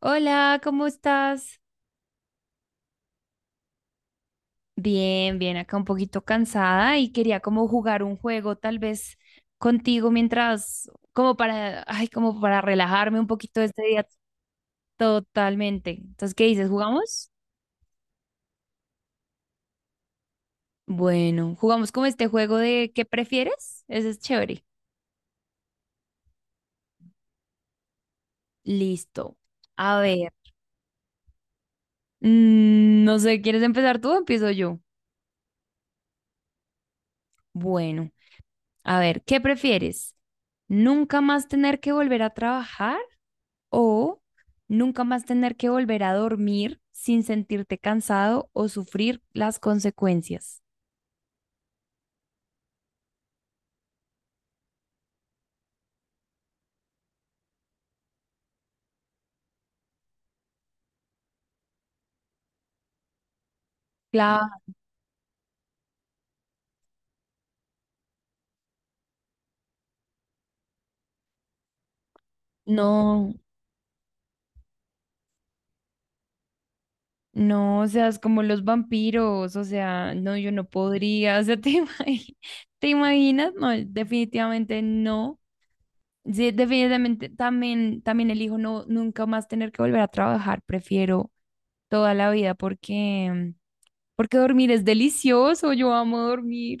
Hola, ¿cómo estás? Bien, bien, acá un poquito cansada y quería como jugar un juego tal vez contigo mientras, como para, ay, como para relajarme un poquito este día totalmente. Entonces, ¿qué dices? ¿Jugamos? Bueno, jugamos como este juego de ¿qué prefieres? Ese es chévere. Listo. A ver, no sé, ¿quieres empezar tú o empiezo yo? Bueno, a ver, ¿qué prefieres? ¿Nunca más tener que volver a trabajar? O nunca más tener que volver a dormir sin sentirte cansado o sufrir las consecuencias. Claro, no, no, o sea, es como los vampiros, o sea, no, yo no podría, o sea, ¿te imaginas? No, definitivamente no. Sí, definitivamente también, también elijo no, nunca más tener que volver a trabajar, prefiero toda la vida porque, porque dormir es delicioso, yo amo dormir.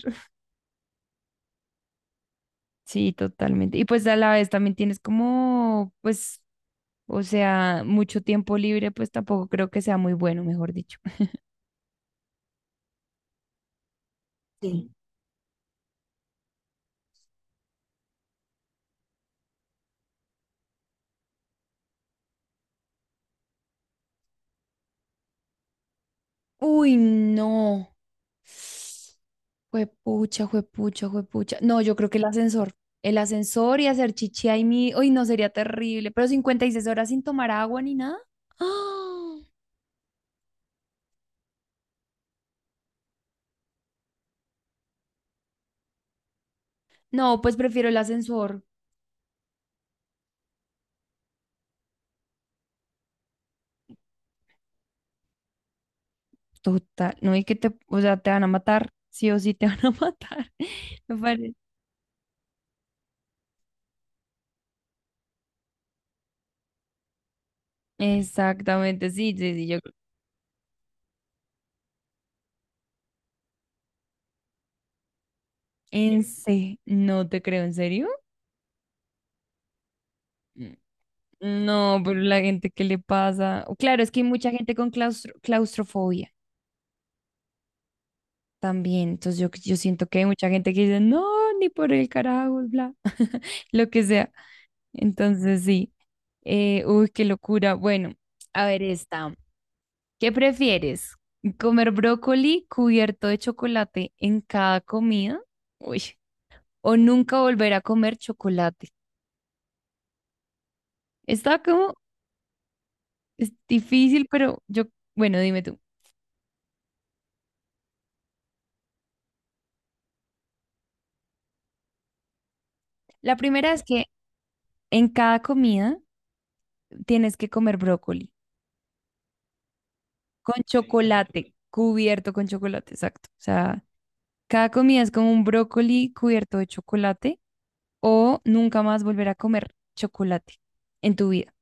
Sí, totalmente. Y pues a la vez también tienes como, pues, o sea, mucho tiempo libre, pues tampoco creo que sea muy bueno, mejor dicho. Sí. Uy, no. Juepucha, juepucha, juepucha. No, yo creo que el ascensor. El ascensor y hacer chichi ahí mi. Uy, no, sería terrible. Pero 56 horas sin tomar agua ni nada. ¡Ah! No, pues prefiero el ascensor. Total, no, y que te, o sea, te van a matar, sí o sí te van a matar. me parece. Exactamente, sí, sí, sí, yo en sí, se, no te creo, ¿en serio? Mm. No, pero la gente que le pasa, o claro, es que hay mucha gente con claustrofobia también, entonces yo siento que hay mucha gente que dice, no, ni por el carajo, bla, lo que sea, entonces sí, uy, qué locura, bueno, a ver esta, ¿qué prefieres? ¿Comer brócoli cubierto de chocolate en cada comida? Uy, o nunca volver a comer chocolate. Está como. Es difícil, pero yo, bueno, dime tú. La primera es que en cada comida tienes que comer brócoli con sí, chocolate, chocolate, cubierto con chocolate, exacto. O sea, cada comida es como un brócoli cubierto de chocolate o nunca más volver a comer chocolate en tu vida.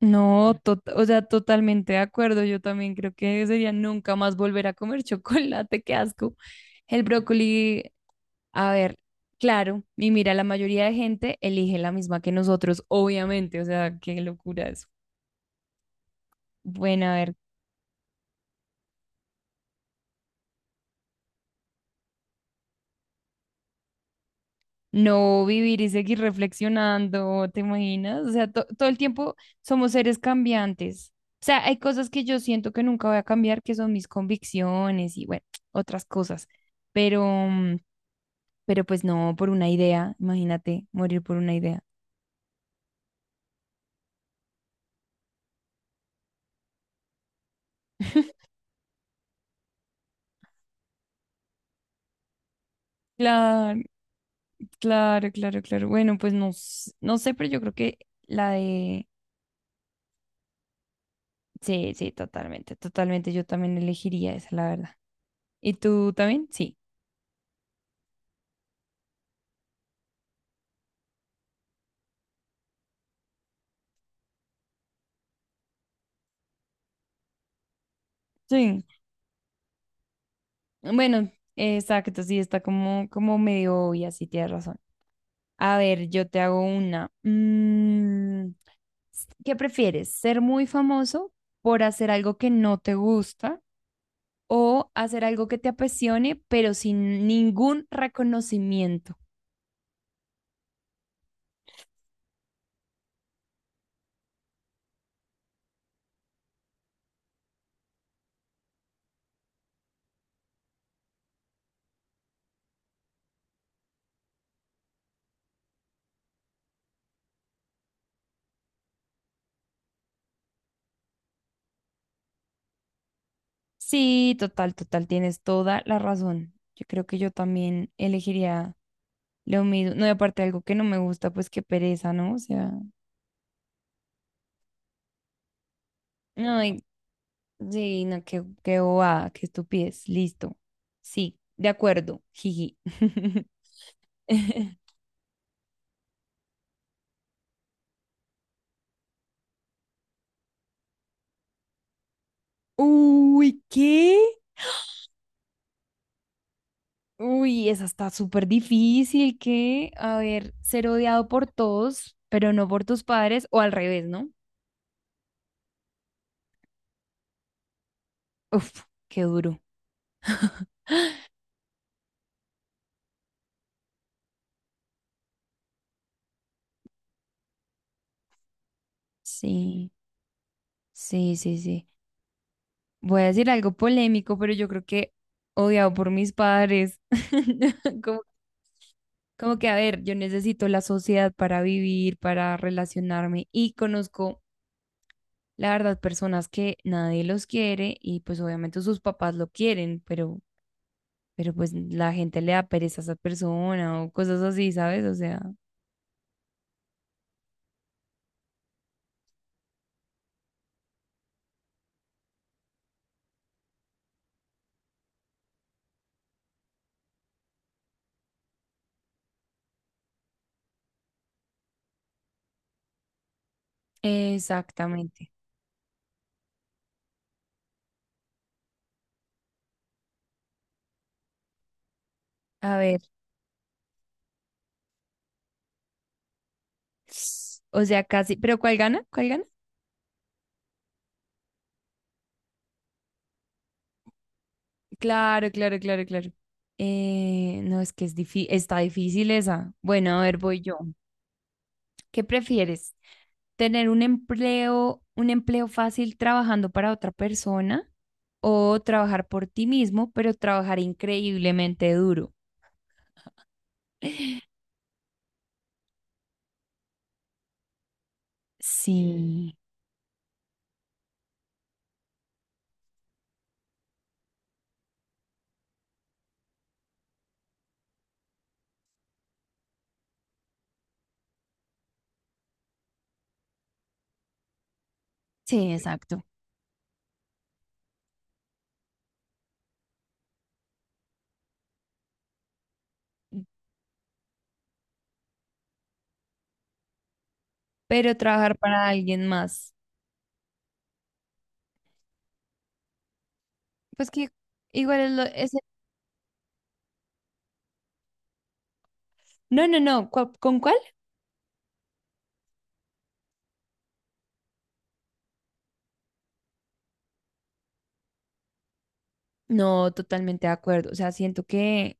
No, o sea, totalmente de acuerdo. Yo también creo que sería nunca más volver a comer chocolate, qué asco. El brócoli. A ver, claro, y mira, la mayoría de gente elige la misma que nosotros, obviamente, o sea, qué locura eso. Bueno, a ver, no, vivir y seguir reflexionando, ¿te imaginas? O sea, todo el tiempo somos seres cambiantes. O sea, hay cosas que yo siento que nunca voy a cambiar, que son mis convicciones y bueno, otras cosas. Pero, pero pues no, por una idea, imagínate, morir por una idea. Claro, claro, claro, claro. Bueno, pues no, no sé, pero yo creo que la de sí, sí, totalmente, totalmente. Yo también elegiría esa, la verdad. ¿Y tú también? Sí. Sí. Bueno, exacto, sí, está como, como medio obvia, sí, tienes razón. A ver, yo te hago una. ¿Qué prefieres? ¿Ser muy famoso por hacer algo que no te gusta o hacer algo que te apasione, pero sin ningún reconocimiento? Sí, total, total, tienes toda la razón. Yo creo que yo también elegiría lo mismo, no, y aparte algo que no me gusta, pues qué pereza, ¿no? O sea, no, y sí, no, qué, qué bobada, qué estupidez, listo. Sí, de acuerdo, jiji. Uy, ¿qué? Uy, esa está súper difícil, ¿qué? A ver, ser odiado por todos, pero no por tus padres, o al revés, ¿no? Uf, qué duro. Sí, sí, sí, sí. Voy a decir algo polémico, pero yo creo que odiado por mis padres. Como. Como que, a ver, yo necesito la sociedad para vivir, para relacionarme y conozco, la verdad, personas que nadie los quiere y pues obviamente sus papás lo quieren, pero pues la gente le da pereza a esa persona o cosas así, ¿sabes? O sea, exactamente. A ver, o sea, casi, pero ¿cuál gana? ¿Cuál gana? Claro, claro, claro, claro. No, es que es difícil, está difícil esa. Bueno, a ver, voy yo. ¿Qué prefieres? ¿Tener un empleo fácil trabajando para otra persona o trabajar por ti mismo, pero trabajar increíblemente duro? Sí, sí, exacto. Pero trabajar para alguien más. Pues que igual es lo... No, no, no. ¿Con cuál? No, totalmente de acuerdo. O sea, siento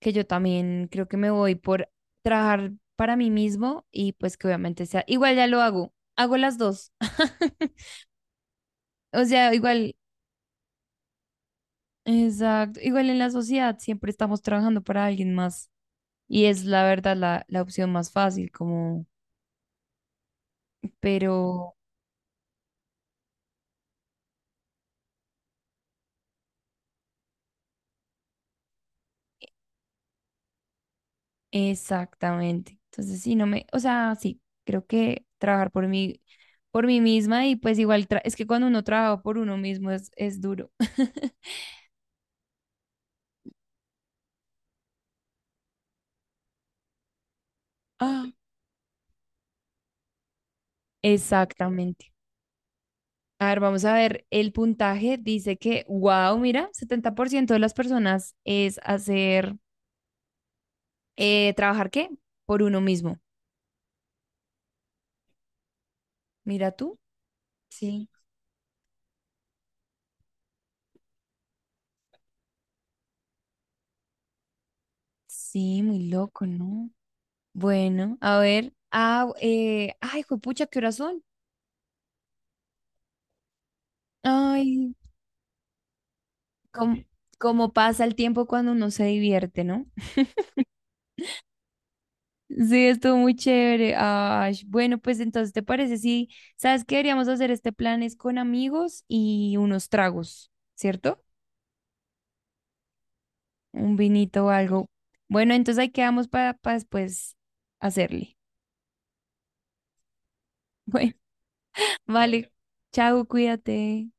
que yo también creo que me voy por trabajar para mí mismo y pues que obviamente sea... Igual ya lo hago. Hago las dos. O sea, igual, exacto, igual en la sociedad siempre estamos trabajando para alguien más y es la verdad la, la opción más fácil, como, pero exactamente. Entonces, sí, no me, o sea, sí, creo que trabajar por mí misma y pues igual, es que cuando uno trabaja por uno mismo es duro. Ah, exactamente. A ver, vamos a ver, el puntaje dice que, wow, mira, 70% de las personas es hacer, ¿trabajar qué? Por uno mismo. Mira tú. Sí. Sí, muy loco, ¿no? Bueno, a ver. Ay, juepucha, qué horas son. Ay, cómo, cómo pasa el tiempo cuando uno se divierte, ¿no? Sí, estuvo muy chévere. Ay, bueno, pues entonces, ¿te parece? Sí, ¿sabes qué? Deberíamos hacer este plan es con amigos y unos tragos, ¿cierto? Un vinito o algo. Bueno, entonces ahí quedamos para después hacerle. Bueno, vale. Chao, cuídate.